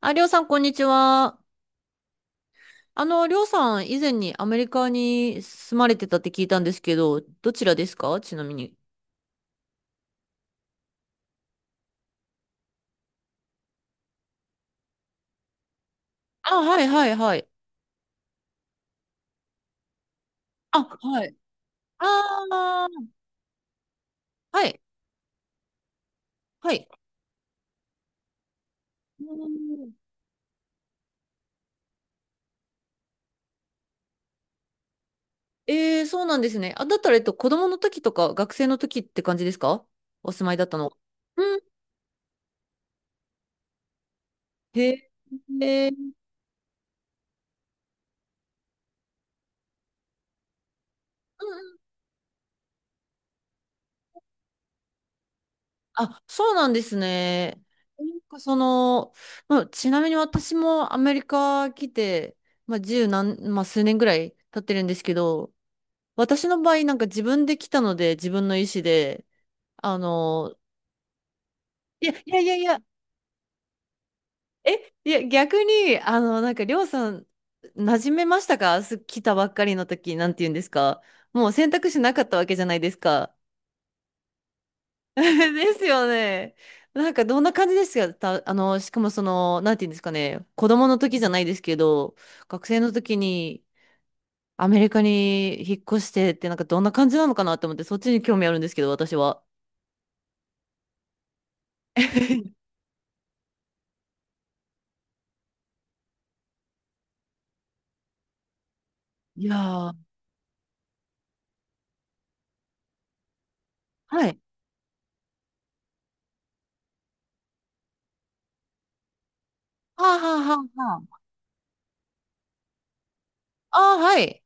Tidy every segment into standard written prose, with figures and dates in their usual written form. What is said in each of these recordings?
あ、りょうさん、こんにちは。りょうさん、以前にアメリカに住まれてたって聞いたんですけど、どちらですかちなみに？あ、はいはいはい。あ、はい。あー、はい、はい。うん。そうなんですね。あ、だったら、子供の時とか学生の時って感じですかお住まいだったの？うん。へえ。へー。うん。あ、そうなんですね。なんかその、まあ、ちなみに私もアメリカ来て、まあ、十何、まあ、数年ぐらい経ってるんですけど、私の場合なんか自分で来たので自分の意思で、あの、いやいやいやいや、え、いや逆に、なんかりょうさん、馴染めましたか？来たばっかりの時、なんて言うんですか？もう選択肢なかったわけじゃないですか。ですよね。なんかどんな感じですか？しかもその、なんていうんですかね、子供の時じゃないですけど、学生の時にアメリカに引っ越してって、なんかどんな感じなのかなと思って、そっちに興味あるんですけど、私は。いやー、はい。はあはあはあはあ。ああ、はい。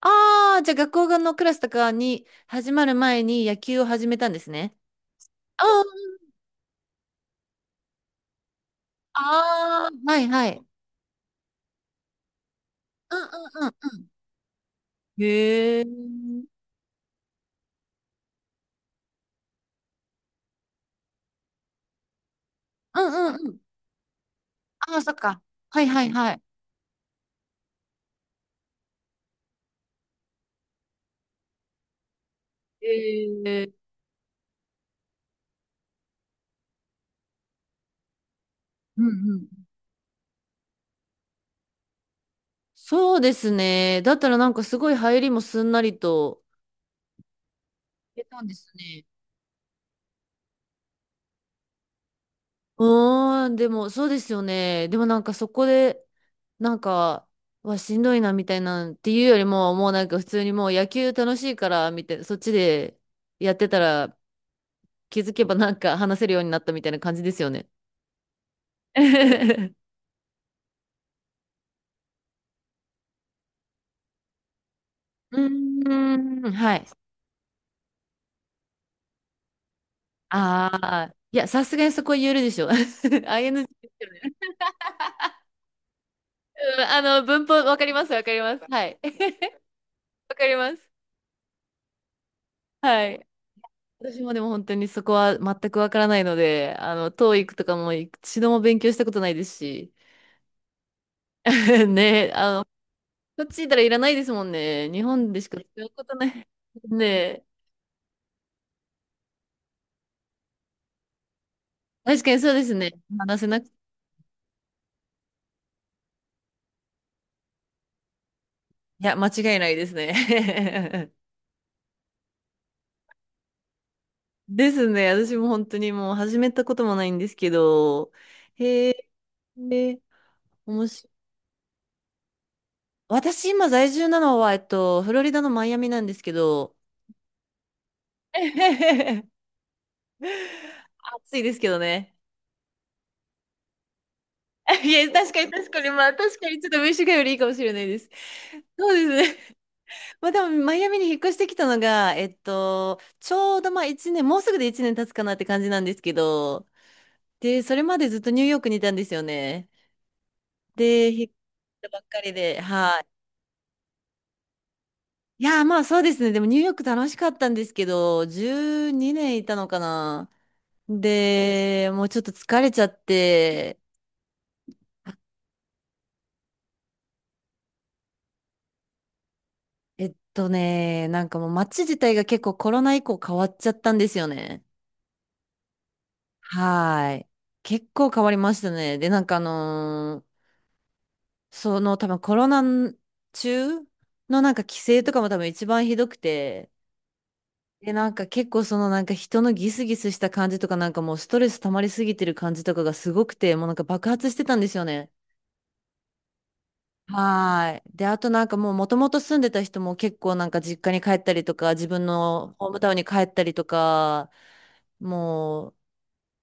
ああ、じゃあ学校のクラスとかに始まる前に野球を始めたんですね。ああ、ああ、はいはい。うんうんうんうん。へえ。うんうんうん。ああ、そっか。はいはいはい。ええ。うんうん。そうですね。だったらなんかすごい入りもすんなりと。出たんですね。うーん、でもそうですよね。でもなんかそこで、なんか、はしんどいなみたいなんっていうよりも、もうなんか普通にもう野球楽しいから、みたいな、そっちでやってたら気づけばなんか話せるようになったみたいな感じですよね。うーん、はい。ああ、いや、さすがにそこは言えるでしょ。ING。 うん、文法、わかります、わかります。はい。わかります。はい。私もでも本当にそこは全くわからないので、トーイ i とかも一度も勉強したことないですし、ね、こっちいたらいらないですもんね。日本でしか使うことない。ねえ、確かにそうですね。話せなく、いや、間違いないですね。ですね。私も本当にもう始めたこともないんですけど、へえ、へえ。面白い。私今在住なのは、フロリダのマイアミなんですけど、暑いですけどね。いや、確かに確かに、まあ確かにちょっとミシガンよりいいかもしれないです。そうですね。まあでも、マイアミに引っ越してきたのが、ちょうどまあ1年、もうすぐで1年経つかなって感じなんですけど、で、それまでずっとニューヨークにいたんですよね。で、引っ越したばっかりで、はい。いやー、まあそうですね。でもニューヨーク楽しかったんですけど、12年いたのかな。で、もうちょっと疲れちゃって、なんかもう街自体が結構コロナ以降変わっちゃったんですよね。はーい。結構変わりましたね。で、なんかその多分コロナ中のなんか規制とかも多分一番ひどくて、で、なんか結構そのなんか人のギスギスした感じとかなんかもうストレス溜まりすぎてる感じとかがすごくて、もうなんか爆発してたんですよね。はい。で、あとなんかもうもともと住んでた人も結構なんか実家に帰ったりとか、自分のホームタウンに帰ったりとか、も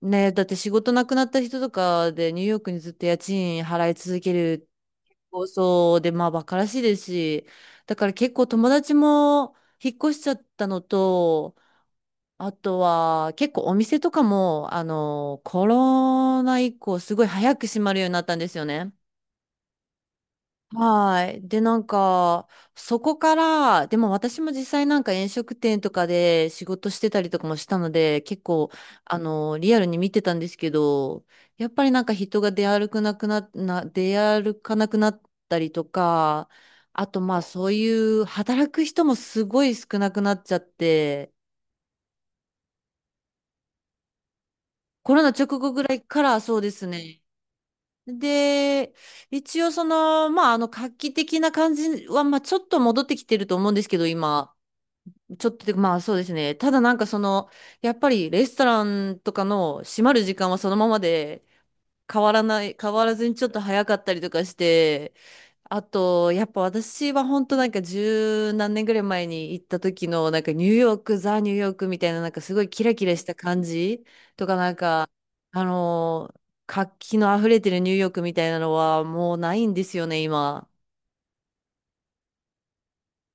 うね、だって仕事なくなった人とかでニューヨークにずっと家賃払い続ける構想で、まあバカらしいですし、だから結構友達も引っ越しちゃったのと、あとは結構お店とかも、コロナ以降すごい早く閉まるようになったんですよね。はい。で、なんか、そこから、でも私も実際なんか飲食店とかで仕事してたりとかもしたので、結構、リアルに見てたんですけど、やっぱりなんか人が出歩かなくなったりとか、あとまあそういう働く人もすごい少なくなっちゃって、コロナ直後ぐらいからそうですね。で、一応その、まあ、画期的な感じは、まあ、ちょっと戻ってきてると思うんですけど、今。ちょっとで、まあそうですね。ただなんかその、やっぱりレストランとかの閉まる時間はそのままで変わらずにちょっと早かったりとかして、あと、やっぱ私は本当なんか十何年ぐらい前に行った時のなんかニューヨーク、ザ・ニューヨークみたいななんかすごいキラキラした感じとかなんか、あのー活気の溢れてるニューヨークみたいなのはもうないんですよね、今。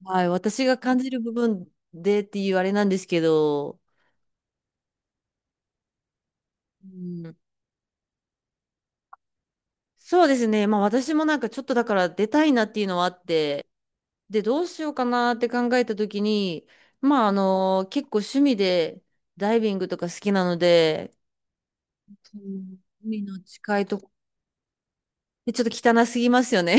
はい、私が感じる部分でっていうあれなんですけど、うん。そうですね。まあ私もなんかちょっとだから出たいなっていうのはあって、で、どうしようかなって考えたときに、まあ結構趣味でダイビングとか好きなので、うん。海の近いとこ、でちょっと汚すぎますよね。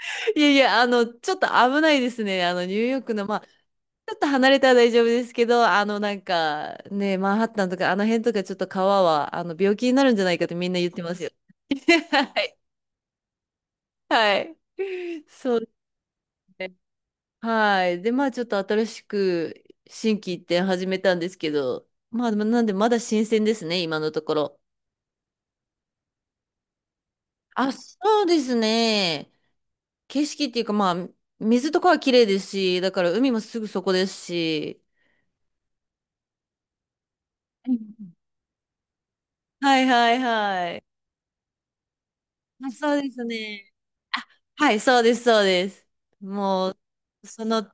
いやいや、ちょっと危ないですね。ニューヨークの、まあ、ちょっと離れたら大丈夫ですけど、なんか、ね、マンハッタンとか、あの辺とかちょっと川は、病気になるんじゃないかってみんな言ってますよ。はい。はい。そうですね。はい。で、まあちょっと新しく新規一点始めたんですけど、まあなんでまだ新鮮ですね、今のところ。あ、そうですね。景色っていうかまあ、水とかは綺麗ですし、だから海もすぐそこですし。うん。はいはいはい。あ、そうですね。あ、はい、そうですそうです。もう、その、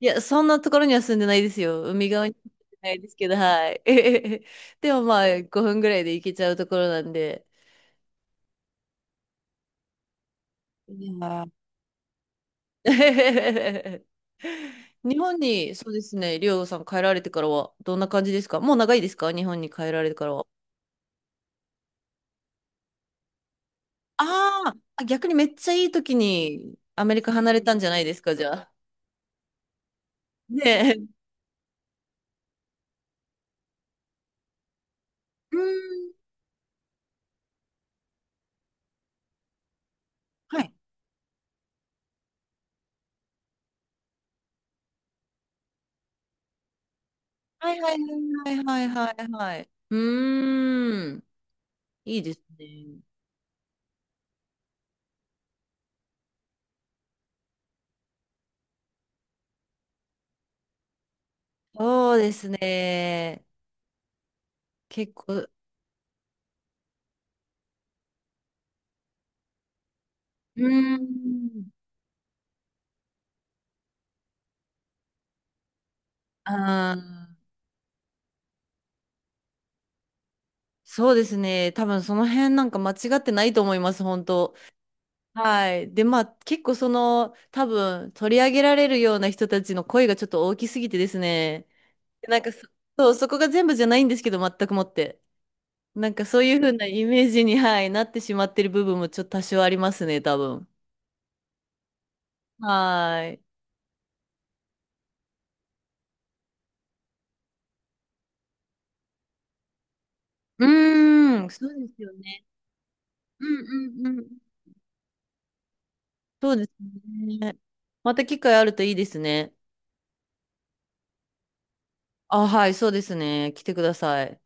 いや、そんなところには住んでないですよ。海側には住んでないですけど、はい。でもまあ5分ぐらいで行けちゃうところなんで。いやー 日本に、そうですね、りょうさん帰られてからは、どんな感じですか？もう長いですか日本に帰られてからは？あーあ、逆にめっちゃいい時にアメリカ離れたんじゃないですか、じゃあ。ねえ。うん、はい。はいはいはいはいはいはい。うーん、いいですね。そうですね。結構、うーん、あー、そうですね。多分その辺なんか間違ってないと思います、本当。はい。で、まあ、結構その、多分、取り上げられるような人たちの声がちょっと大きすぎてですね。でなんかそう、そこが全部じゃないんですけど、全くもって。なんかそういう風なイメージに、はい、なってしまってる部分もちょっと多少ありますね、多分。はい。うーん、そうですよね。うんうんうん。そうですね。また機会あるといいですね。あ、はい、そうですね。来てください。